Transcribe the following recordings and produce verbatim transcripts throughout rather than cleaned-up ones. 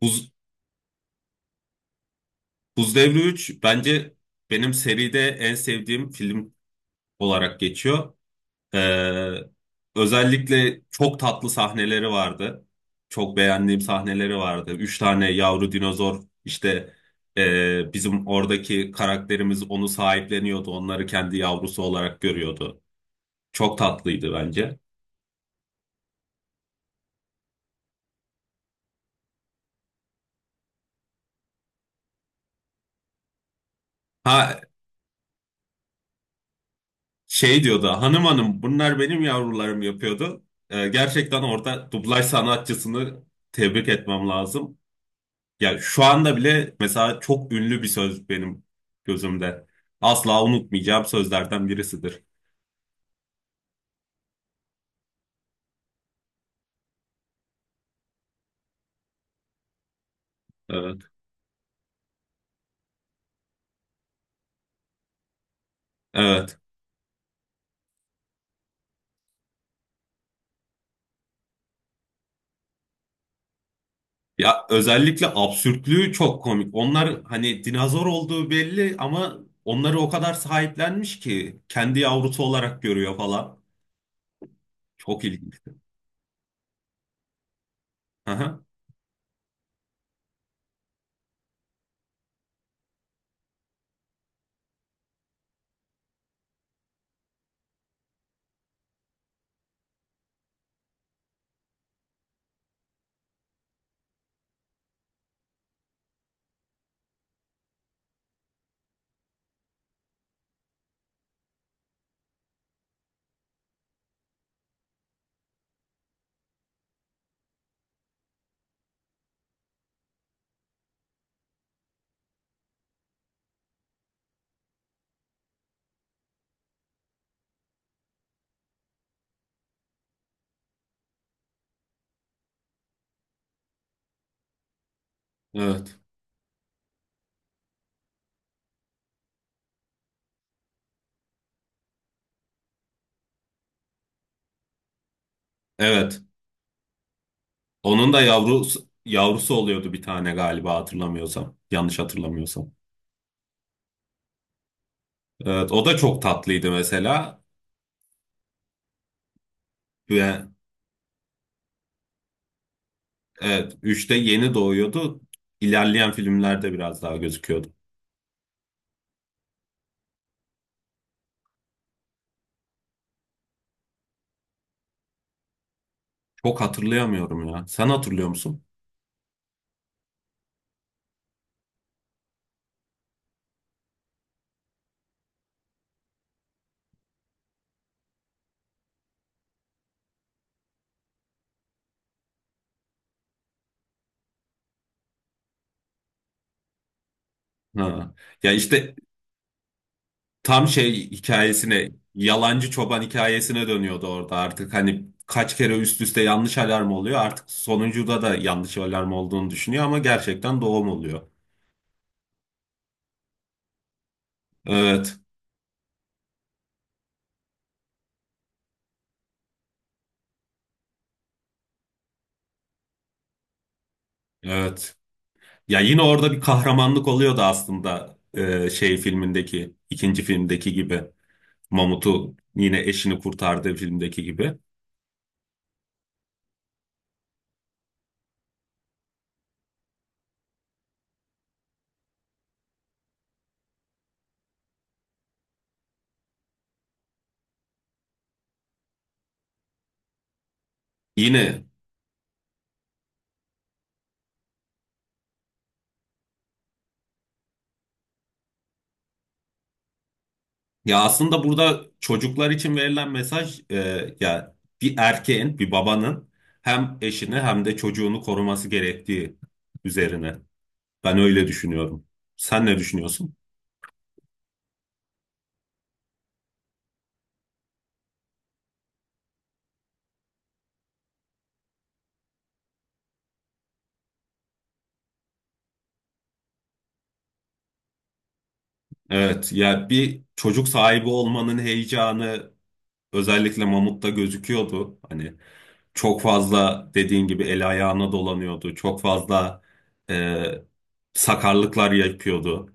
Buz, Buz Devri üç bence benim seride en sevdiğim film olarak geçiyor. Ee, Özellikle çok tatlı sahneleri vardı. Çok beğendiğim sahneleri vardı. Üç tane yavru dinozor işte ee, bizim oradaki karakterimiz onu sahipleniyordu. Onları kendi yavrusu olarak görüyordu. Çok tatlıydı bence. Ha, şey diyordu, hanım hanım bunlar benim yavrularım yapıyordu. Ee, gerçekten orada dublaj sanatçısını tebrik etmem lazım. Ya şu anda bile mesela çok ünlü bir söz benim gözümde. Asla unutmayacağım sözlerden birisidir. Evet. Evet. Ya özellikle absürtlüğü çok komik. Onlar hani dinozor olduğu belli ama onları o kadar sahiplenmiş ki kendi yavrusu olarak görüyor falan. Çok ilginç. Aha. Evet. Evet. Onun da yavrusu yavrusu oluyordu bir tane galiba hatırlamıyorsam. Yanlış hatırlamıyorsam. Evet, o da çok tatlıydı mesela. Ve Evet, üçte yeni doğuyordu. İlerleyen filmlerde biraz daha gözüküyordu. Çok hatırlayamıyorum ya. Sen hatırlıyor musun? Ha. Ya işte tam şey hikayesine, yalancı çoban hikayesine dönüyordu orada artık. Hani kaç kere üst üste yanlış alarm oluyor. Artık sonuncuda da yanlış alarm olduğunu düşünüyor ama gerçekten doğum oluyor. Evet, evet. Ya yine orada bir kahramanlık oluyordu aslında, e, şey filmindeki, ikinci filmdeki gibi. Mamut'u yine eşini kurtardığı filmdeki gibi. Yine Ya aslında burada çocuklar için verilen mesaj, e, ya bir erkeğin, bir babanın hem eşini hem de çocuğunu koruması gerektiği üzerine. Ben öyle düşünüyorum. Sen ne düşünüyorsun? Evet, ya bir çocuk sahibi olmanın heyecanı özellikle Mamut'ta gözüküyordu. Hani çok fazla dediğin gibi el ayağına dolanıyordu. Çok fazla e, sakarlıklar yapıyordu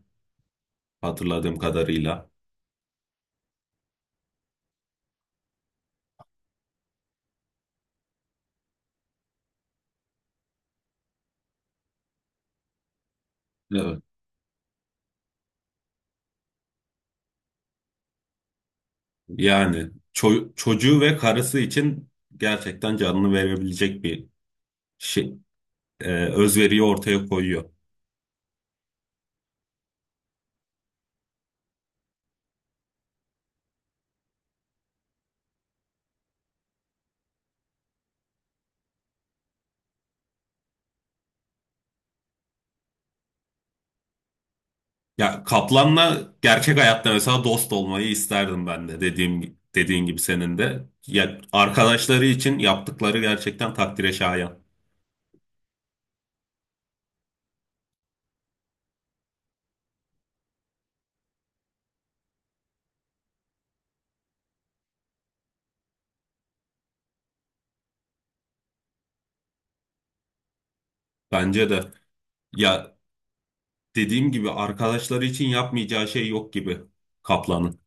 hatırladığım kadarıyla. Evet. Yani ço- çocuğu ve karısı için gerçekten canını verebilecek bir şey, e, özveriyi ortaya koyuyor. Ya Kaplan'la gerçek hayatta mesela dost olmayı isterdim ben de, dediğim dediğin gibi senin de. Ya arkadaşları için yaptıkları gerçekten takdire şayan. Bence de. Ya dediğim gibi arkadaşları için yapmayacağı şey yok gibi Kaplan'ın.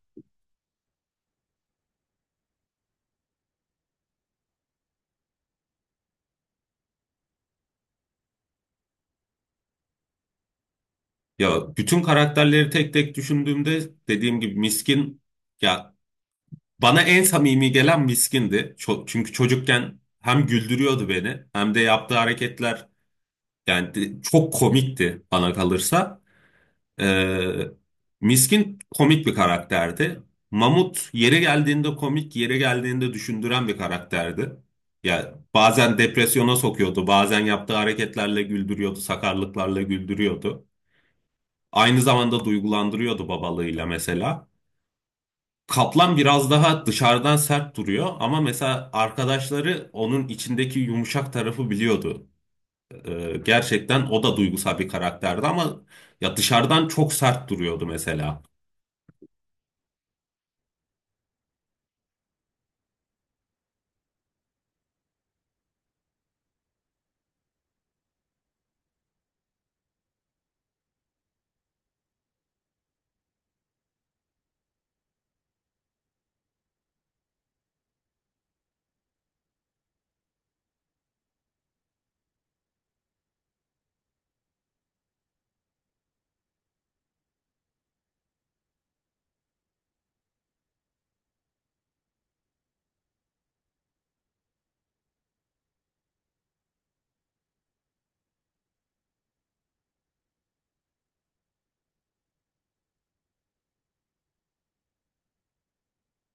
Ya bütün karakterleri tek tek düşündüğümde dediğim gibi Miskin, ya bana en samimi gelen Miskin'di. Ço- çünkü çocukken hem güldürüyordu beni hem de yaptığı hareketler, yani de- çok komikti bana kalırsa. Ee, Miskin komik bir karakterdi. Mamut yere geldiğinde komik, yere geldiğinde düşündüren bir karakterdi. Ya bazen depresyona sokuyordu, bazen yaptığı hareketlerle güldürüyordu, sakarlıklarla güldürüyordu. Aynı zamanda duygulandırıyordu babalığıyla mesela. Kaplan biraz daha dışarıdan sert duruyor ama mesela arkadaşları onun içindeki yumuşak tarafı biliyordu. Ee, gerçekten o da duygusal bir karakterdi ama ya dışarıdan çok sert duruyordu mesela.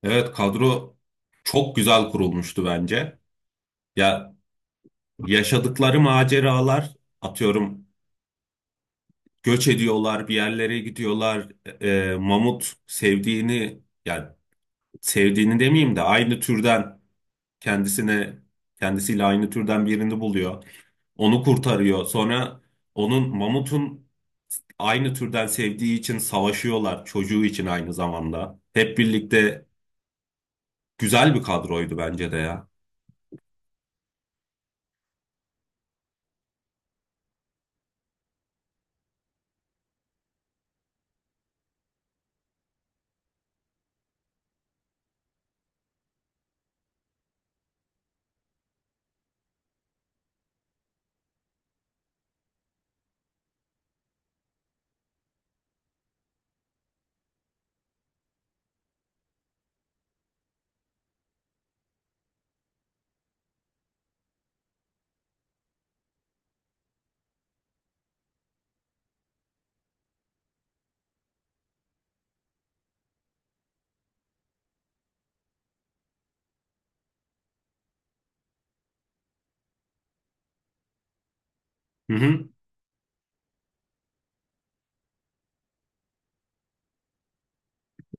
Evet, kadro çok güzel kurulmuştu bence. Ya yaşadıkları maceralar, atıyorum, göç ediyorlar, bir yerlere gidiyorlar. E, Mamut sevdiğini, yani sevdiğini demeyeyim de aynı türden kendisine, kendisiyle aynı türden birini buluyor. Onu kurtarıyor. Sonra onun, mamutun, aynı türden sevdiği için savaşıyorlar. Çocuğu için aynı zamanda. Hep birlikte güzel bir kadroydu bence de ya. Hı hı.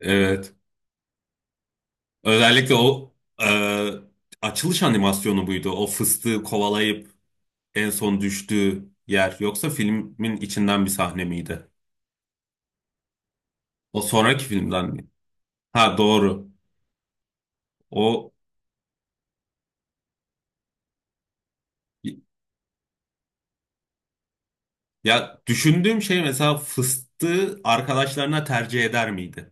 Evet. Özellikle o e, açılış animasyonu buydu. O fıstığı kovalayıp en son düştüğü yer. Yoksa filmin içinden bir sahne miydi? O sonraki filmden mi? Ha, doğru. O ya, düşündüğüm şey, mesela fıstığı arkadaşlarına tercih eder miydi?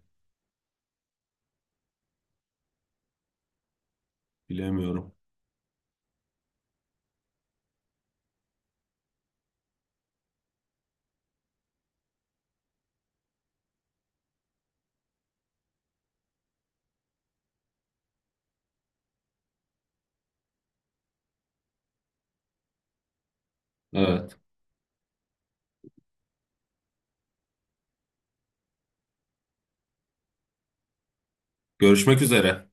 Bilemiyorum. Evet. Görüşmek üzere.